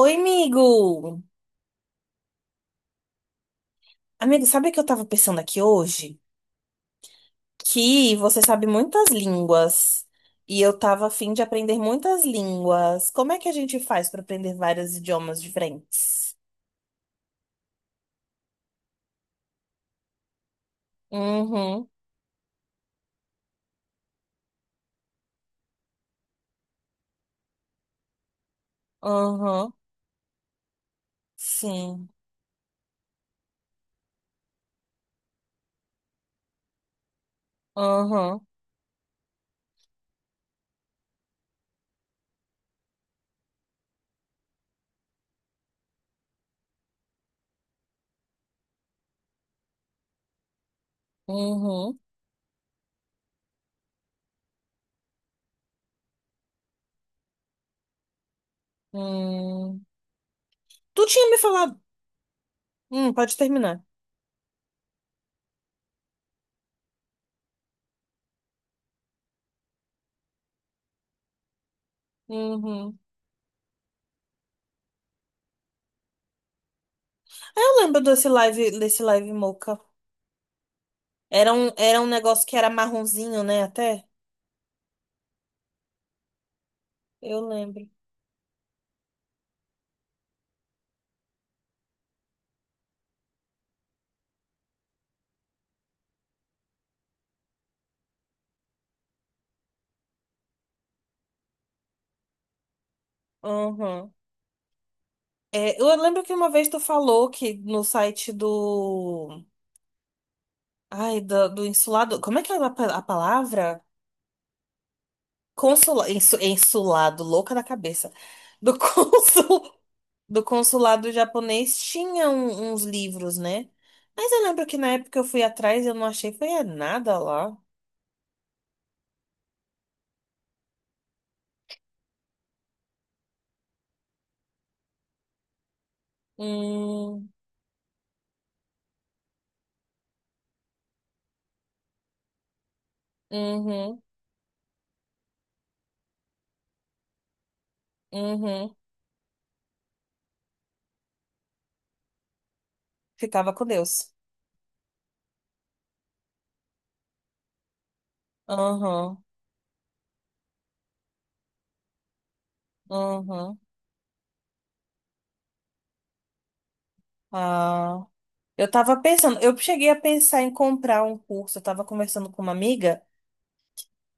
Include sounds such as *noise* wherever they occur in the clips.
Oi, amigo! Amigo, sabe o que eu tava pensando aqui hoje? Que você sabe muitas línguas e eu tava a fim de aprender muitas línguas. Como é que a gente faz pra aprender vários idiomas diferentes? Uhum, uhum, sim, uhum, uhum, hum. Tu tinha me falado. Pode terminar. Uhum. Ah, eu lembro desse live Mocha. Era um negócio que era marronzinho, né? Até. Eu lembro. Uhum. É, eu lembro que uma vez tu falou que no site do. Ai, do, do insulado. Como é que é a, pa- a palavra? Consulado. Insulado, louca da cabeça. Do consul, *laughs* do consulado japonês tinha um- uns livros, né? Mas eu lembro que na época eu fui atrás e eu não achei, foi é nada lá. Hum, uhum, uhum. Ficava com Deus. Uhum, uhum. Ah. Eu tava pensando, eu cheguei a pensar em comprar um curso, eu tava conversando com uma amiga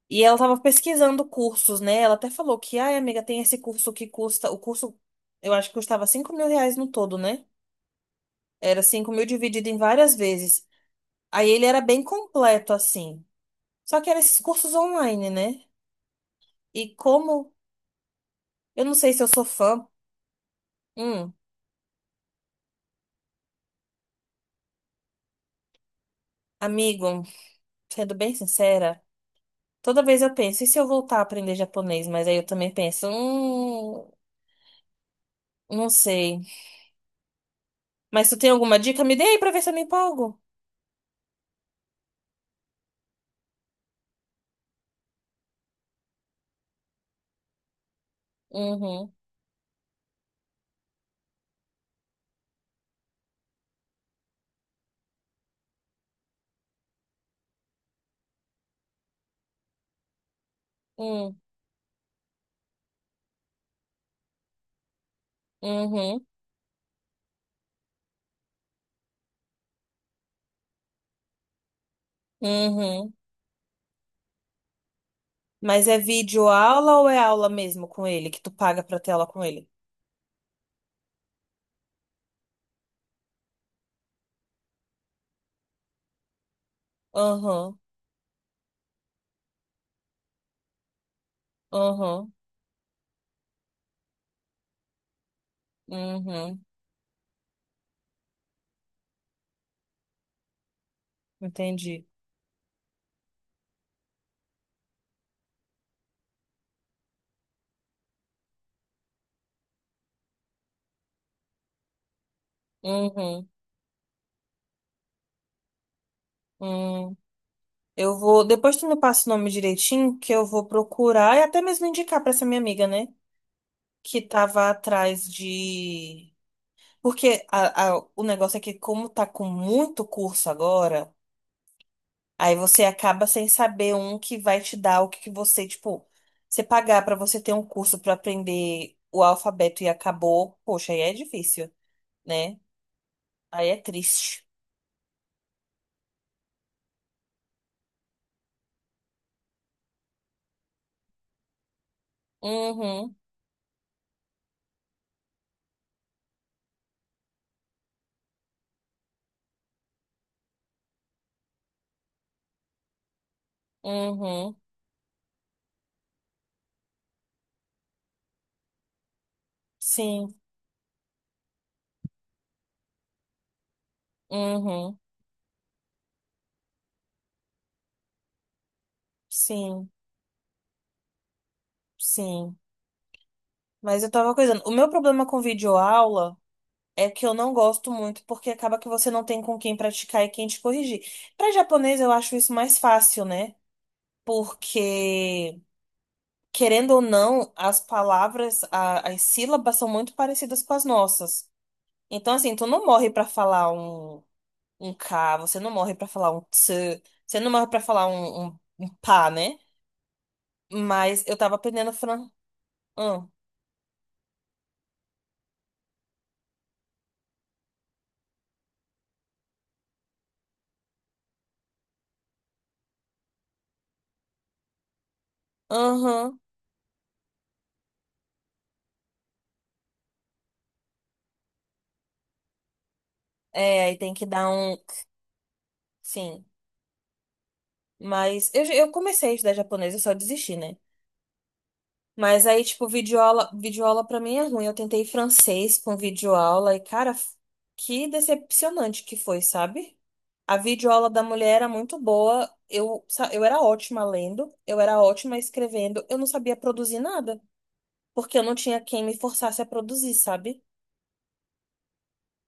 e ela tava pesquisando cursos, né? Ela até falou que, ai, amiga, tem esse curso que custa, o curso, eu acho que custava R$ 5.000 no todo, né? Era 5.000 dividido em várias vezes. Aí ele era bem completo, assim. Só que eram esses cursos online, né? E como, eu não sei se eu sou fã, hum, amigo, sendo bem sincera, toda vez eu penso, e se eu voltar a aprender japonês? Mas aí eu também penso, não sei. Mas tu tem alguma dica? Me dê aí pra ver se eu me empolgo. Uhum, uhum, uhum, uhum. Mas é vídeo aula ou é aula mesmo com ele, que tu paga pra ter aula com ele? Uhum, uhum, uhum. Entendi. Uhum, uhum. Eu vou. Depois tu me passa o nome direitinho, que eu vou procurar e até mesmo indicar pra essa minha amiga, né? Que tava atrás de. Porque a- o negócio é que, como tá com muito curso agora. Aí você acaba sem saber um que vai te dar o que que você, tipo, você pagar pra você ter um curso pra aprender o alfabeto e acabou, poxa, aí é difícil, né? Aí é triste. Uhum, uhum, sim, uhum, sim, sim. Mas eu tava coisando. O meu problema com videoaula é que eu não gosto muito, porque acaba que você não tem com quem praticar e quem te corrigir. Pra japonês eu acho isso mais fácil, né? Porque querendo ou não, as palavras, a- as sílabas são muito parecidas com as nossas. Então, assim, tu não morre pra falar um K, você não morre pra falar um ts, você não morre pra falar um pá, né? Mas eu tava aprendendo fran... Aham, aham. É, aí tem que dar um... Sim. Mas eu, já- eu comecei a estudar japonês, eu só desisti, né? Mas aí, tipo, videoaula, videoaula pra mim é ruim. Eu tentei francês com videoaula e, cara, que decepcionante que foi, sabe? A videoaula da mulher era muito boa. Eu, sa- eu era ótima lendo, eu era ótima escrevendo, eu não sabia produzir nada, porque eu não tinha quem me forçasse a produzir, sabe?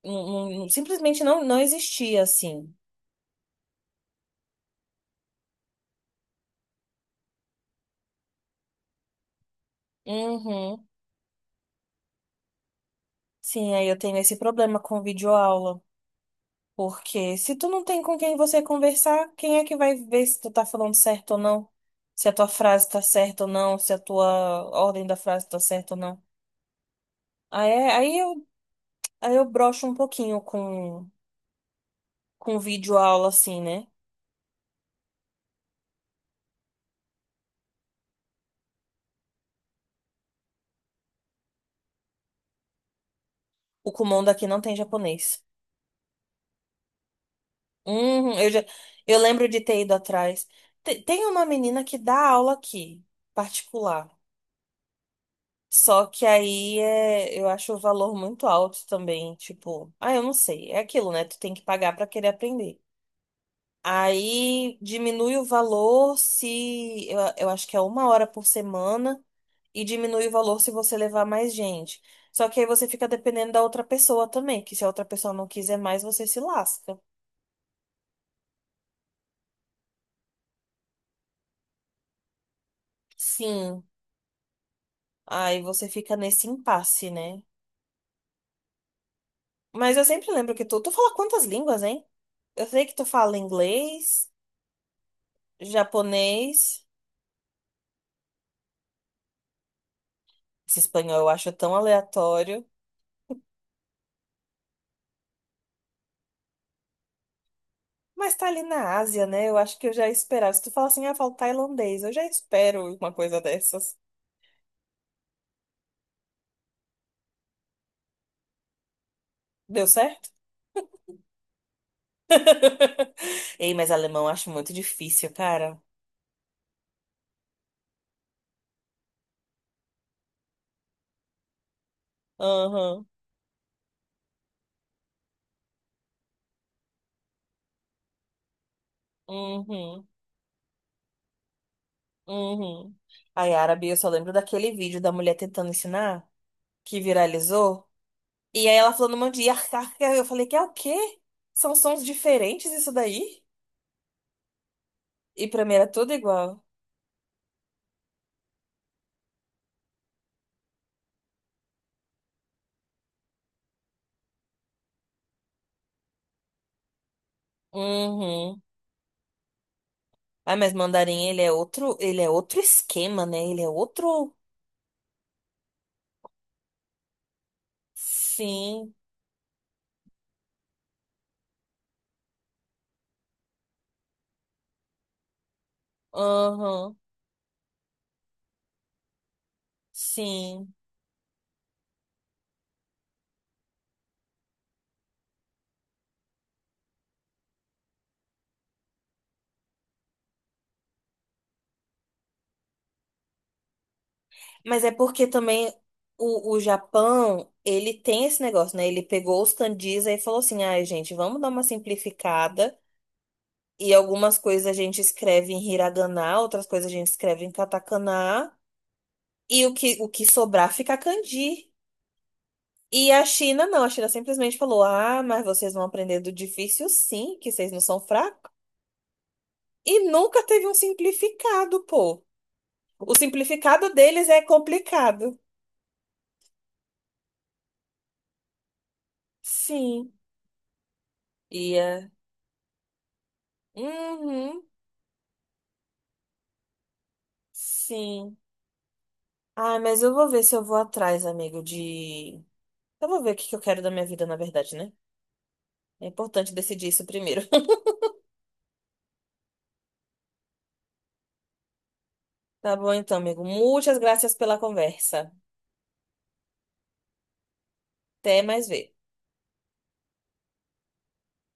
Não- não- não- simplesmente não existia assim. Uhum. Sim, aí eu tenho esse problema com videoaula. Porque se tu não tem com quem você conversar, quem é que vai ver se tu tá falando certo ou não? Se a tua frase tá certa ou não, se a tua ordem da frase tá certa ou não. Aí, é- aí eu broxo um pouquinho com vídeo aula assim, né? O Kumon daqui não tem japonês. Eu já, eu lembro de ter ido atrás. Te- Tem uma menina que dá aula aqui, particular. Só que aí é, eu acho o valor muito alto também, tipo, ah, eu não sei, é aquilo, né? Tu tem que pagar pra querer aprender. Aí diminui o valor se eu acho que é uma hora por semana e diminui o valor se você levar mais gente. Só que aí você fica dependendo da outra pessoa também, que se a outra pessoa não quiser mais, você se lasca. Sim, aí você fica nesse impasse, né? Mas eu sempre lembro que tu fala quantas línguas, hein? Eu sei que tu fala inglês, japonês. Esse espanhol eu acho tão aleatório. Mas tá ali na Ásia, né? Eu acho que eu já esperava. Se tu fala assim, ah, falo tailandês, eu já espero uma coisa dessas. Deu certo? *laughs* Ei, mas alemão eu acho muito difícil, cara. Aham, uhum, uhum. Aí, árabe, eu só lembro daquele vídeo da mulher tentando ensinar, que viralizou. E aí ela falando um monte de iar car eu falei, que é o quê? São sons diferentes isso daí? E pra mim era tudo igual. Uhum. Ah, mas mandarim, ele é outro esquema, né? Ele é outro. Sim. Aham. Sim. Mas é porque também o Japão, ele tem esse negócio, né? Ele pegou os kanjis aí e falou assim: ai, gente, vamos dar uma simplificada. E algumas coisas a gente escreve em hiragana, outras coisas a gente escreve em katakana. E o que sobrar fica kanji. E a China não, a China simplesmente falou: ah, mas vocês vão aprender do difícil sim, que vocês não são fracos. E nunca teve um simplificado, pô. O simplificado deles é complicado. Sim. Ia. Uhum. Sim. Ah, mas eu vou ver se eu vou atrás, amigo, de. Eu vou ver o que que eu quero da minha vida, na verdade, né? É importante decidir isso primeiro. *laughs* Tá bom, então, amigo. Muitas graças pela conversa. Até mais ver.